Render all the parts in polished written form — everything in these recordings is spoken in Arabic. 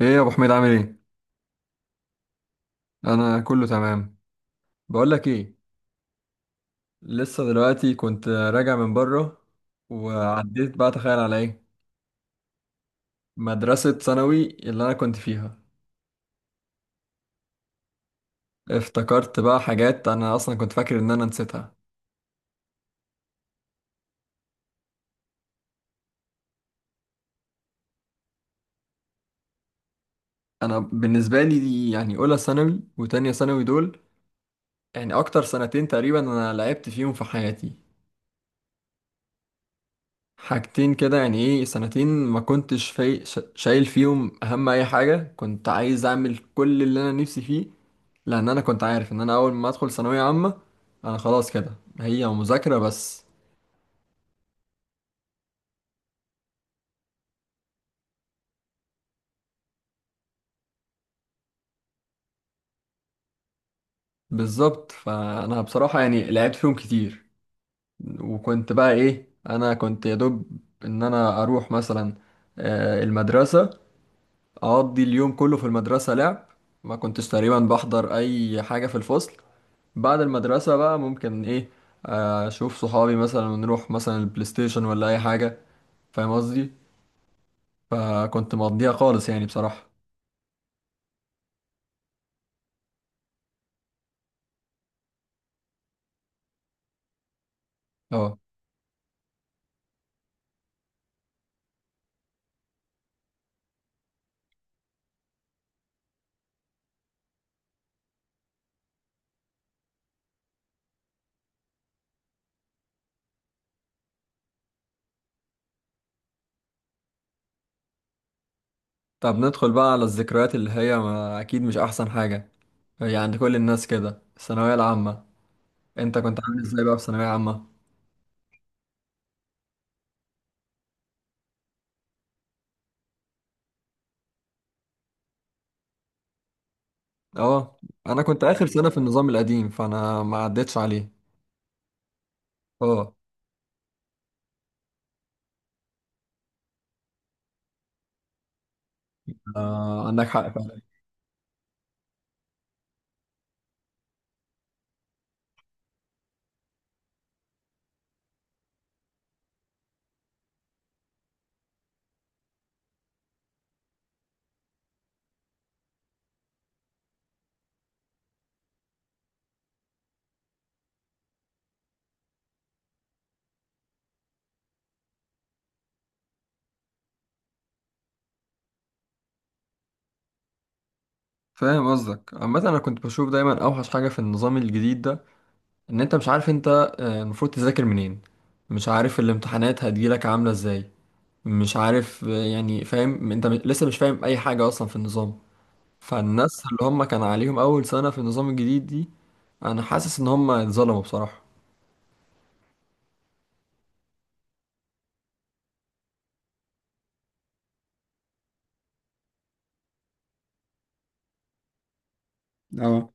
ايه يا ابو حميد عامل ايه؟ انا كله تمام. بقول لك ايه. لسه دلوقتي كنت راجع من بره وعديت بقى تخيل على ايه، مدرسة ثانوي اللي انا كنت فيها. افتكرت بقى حاجات انا اصلا كنت فاكر ان انا نسيتها. انا بالنسبة لي دي يعني اولى ثانوي وتانية ثانوي دول، يعني اكتر سنتين تقريبا انا لعبت فيهم في حياتي. حاجتين كده يعني ايه سنتين ما كنتش في... شايل فيهم اهم اي حاجة كنت عايز اعمل كل اللي انا نفسي فيه. لان انا كنت عارف ان انا اول ما ادخل ثانويه عامه انا خلاص كده هي مذاكره بس. بالظبط فانا بصراحه يعني لعبت فيهم كتير. وكنت بقى ايه انا كنت يا دوب ان انا اروح مثلا المدرسه، اقضي اليوم كله في المدرسه لعب. ما كنتش تقريبا بحضر اي حاجه في الفصل. بعد المدرسه بقى ممكن ايه، اشوف صحابي مثلا ونروح مثلا البلاي ستيشن ولا اي حاجه. فاهم قصدي؟ فكنت مقضيها خالص يعني بصراحه. اه. طب ندخل بقى على الذكريات اللي هي ما أكيد مش أحسن حاجة، هي عند كل الناس كده الثانوية العامة. أنت كنت عامل إزاي بقى في ثانوية عامة؟ أه. أنا كنت آخر سنة في النظام القديم فأنا ما عدتش عليه. أه. عندك حق فعلا. فاهم قصدك. عامة أنا كنت بشوف دايما أوحش حاجة في النظام الجديد ده، إن أنت مش عارف أنت المفروض تذاكر منين، مش عارف الامتحانات هتجيلك عاملة إزاي، مش عارف يعني فاهم أنت لسه مش فاهم أي حاجة أصلا في النظام. فالناس اللي هم كان عليهم اول سنة في النظام الجديد دي، انا حاسس ان هم اتظلموا بصراحة. اه.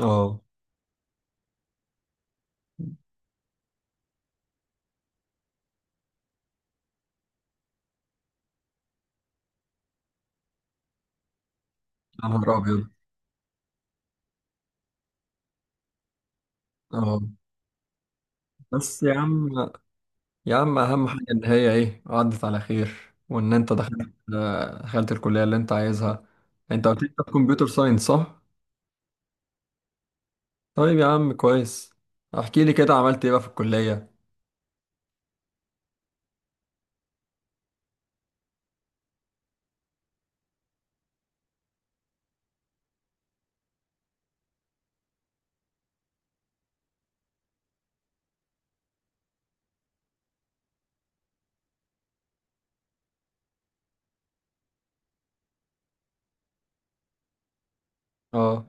اه. يا نهار ابيض! اه. بس يا عم، يا عم اهم حاجة ان هي ايه عدت على خير وان انت دخلت الكلية اللي انت عايزها. انت قلت لي انت في كمبيوتر ساينس صح؟ طيب يا عم كويس. احكي لي كده عملت ايه بقى في الكلية. اه.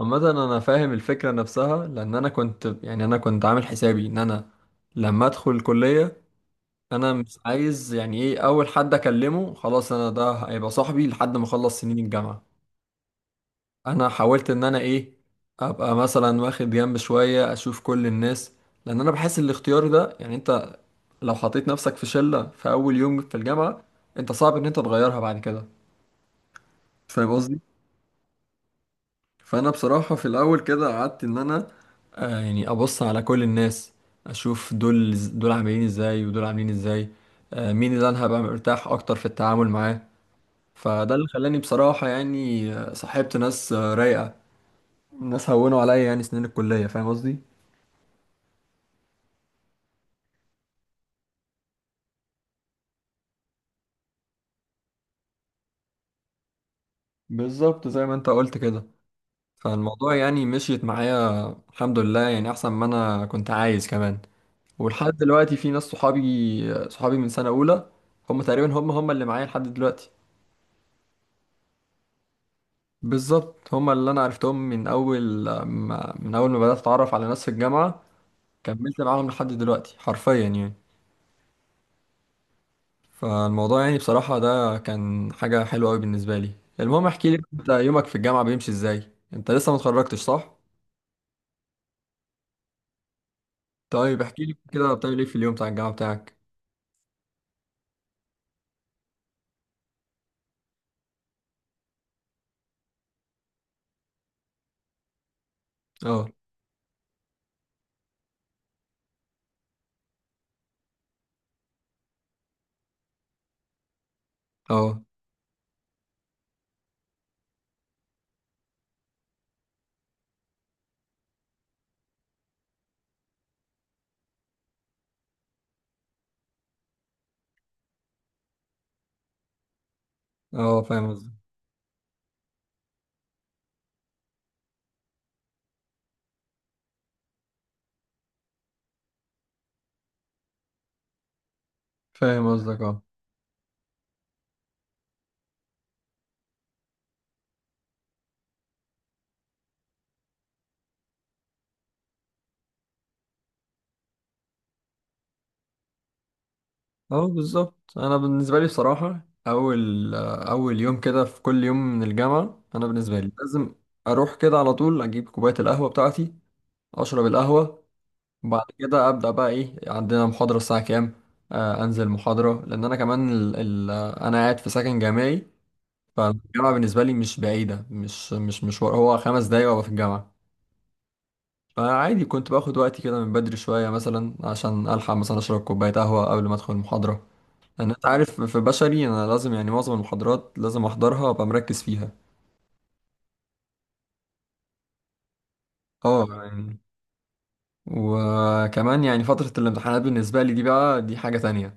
عامة انا فاهم الفكرة نفسها، لان انا كنت عامل حسابي ان انا لما ادخل الكلية انا مش عايز يعني ايه اول حد اكلمه خلاص انا ده هيبقى صاحبي لحد ما اخلص سنين الجامعه. انا حاولت ان انا ايه ابقى مثلا واخد جنب شويه اشوف كل الناس. لان انا بحس الاختيار ده يعني انت لو حطيت نفسك في شله في اول يوم في الجامعه انت صعب ان انت تغيرها بعد كده. فاهم قصدي؟ فانا بصراحه في الاول كده قعدت ان انا يعني ابص على كل الناس، اشوف دول عاملين ازاي ودول عاملين ازاي، مين اللي انا هبقى مرتاح اكتر في التعامل معاه. فده اللي خلاني بصراحة يعني صاحبت ناس رايقة، ناس هونوا عليا يعني سنين الكلية. فاهم قصدي؟ بالظبط زي ما انت قلت كده. فالموضوع يعني مشيت معايا الحمد لله يعني أحسن ما أنا كنت عايز كمان. ولحد دلوقتي في ناس صحابي من سنة أولى، هم تقريبا هم اللي معايا لحد دلوقتي. بالظبط هم اللي أنا عرفتهم من أول ما بدأت أتعرف على ناس في الجامعة، كملت معاهم لحد دلوقتي حرفيا يعني. فالموضوع يعني بصراحة ده كان حاجة حلوة أوي بالنسبة لي. المهم احكي لي انت يومك في الجامعة بيمشي ازاي، انت لسه ما اتخرجتش صح؟ طيب احكي لي كده بتعمل ايه في اليوم بتاع الجامعة بتاعك. اه، اه، اه. فاهم قصدك. فاهم قصدك. اه، اه. بالظبط. انا بالنسبة لي بصراحة اول يوم كده في كل يوم من الجامعة انا بالنسبة لي لازم اروح كده على طول اجيب كوباية القهوة بتاعتي، اشرب القهوة. بعد كده ابدا بقى ايه عندنا محاضره الساعه كام. انزل محاضره لان انا كمان ال ال انا قاعد في سكن جامعي، فالجامعه بالنسبه لي مش بعيده، مش مشوار، هو 5 دقايق وابقى في الجامعه. فعادي كنت باخد وقتي كده من بدري شويه مثلا عشان الحق مثلا اشرب كوبايه قهوه قبل ما ادخل المحاضره. لان انت عارف في بشري انا لازم يعني معظم المحاضرات لازم احضرها وابقى مركز فيها. اه يعني. وكمان يعني فتره الامتحانات بالنسبه لي دي بقى دي حاجه تانية،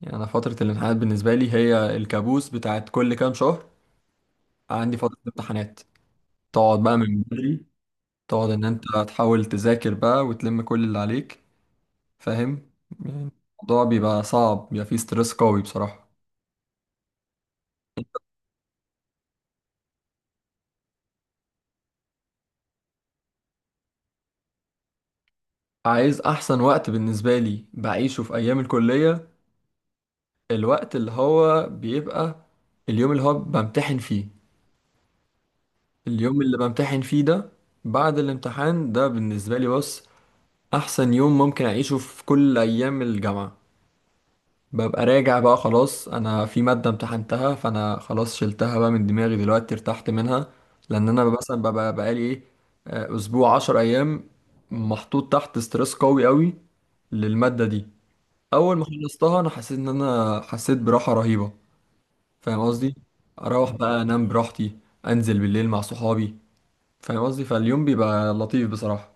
يعني أنا فترة الامتحانات بالنسبة لي هي الكابوس بتاعت كل كام شهر. عندي فترة امتحانات تقعد بقى من بدري، تقعد إن أنت تحاول تذاكر بقى وتلم كل اللي عليك، فاهم يعني. الموضوع بيبقى صعب، بيبقى فيه ستريس قوي بصراحة. عايز أحسن وقت بالنسبة لي بعيشه في أيام الكلية؟ الوقت اللي هو بيبقى اليوم اللي هو بمتحن فيه اليوم اللي بمتحن فيه ده، بعد الامتحان ده بالنسبة لي بص، أحسن يوم ممكن أعيشه في كل أيام الجامعة. ببقى راجع بقى خلاص انا في مادة امتحنتها فانا خلاص شلتها بقى من دماغي دلوقتي ارتحت منها. لان انا مثلا ببقى بقالي ايه اسبوع 10 ايام محطوط تحت ستريس قوي قوي للمادة دي. اول ما خلصتها انا حسيت ان انا حسيت براحة رهيبة. فاهم قصدي؟ اروح بقى انام براحتي، انزل بالليل مع صحابي. فاهم قصدي؟ فاليوم بيبقى لطيف بصراحة.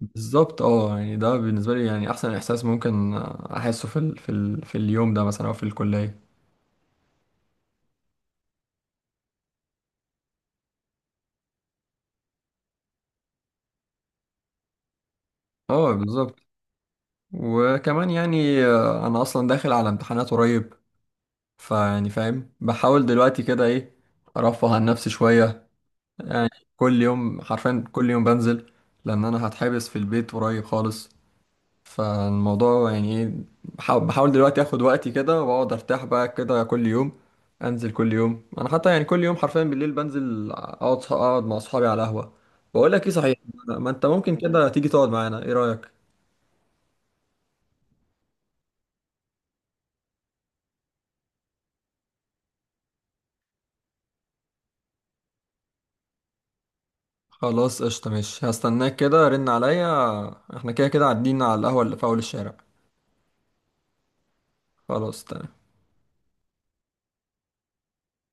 بالظبط اه يعني ده بالنسبة لي يعني احسن احساس ممكن احسه في اليوم ده مثلا او في الكلية. اه بالظبط. وكمان يعني انا اصلا داخل على امتحانات قريب، فيعني فاهم بحاول دلوقتي كده ايه ارفه عن نفسي شويه يعني. كل يوم حرفيا كل يوم بنزل، لان انا هتحبس في البيت قريب خالص. فالموضوع يعني ايه، بحاول دلوقتي اخد وقتي كده واقعد ارتاح بقى كده كل يوم، انزل كل يوم انا حتى يعني كل يوم حرفيا بالليل بنزل اقعد مع اصحابي على قهوه. بقول لك ايه صحيح، ما انت ممكن كده تيجي تقعد معانا، ايه رايك؟ خلاص قشطة ماشي هستناك كده، رن عليا. احنا كده كده عدينا على القهوة اللي في أول الشارع. خلاص تمام.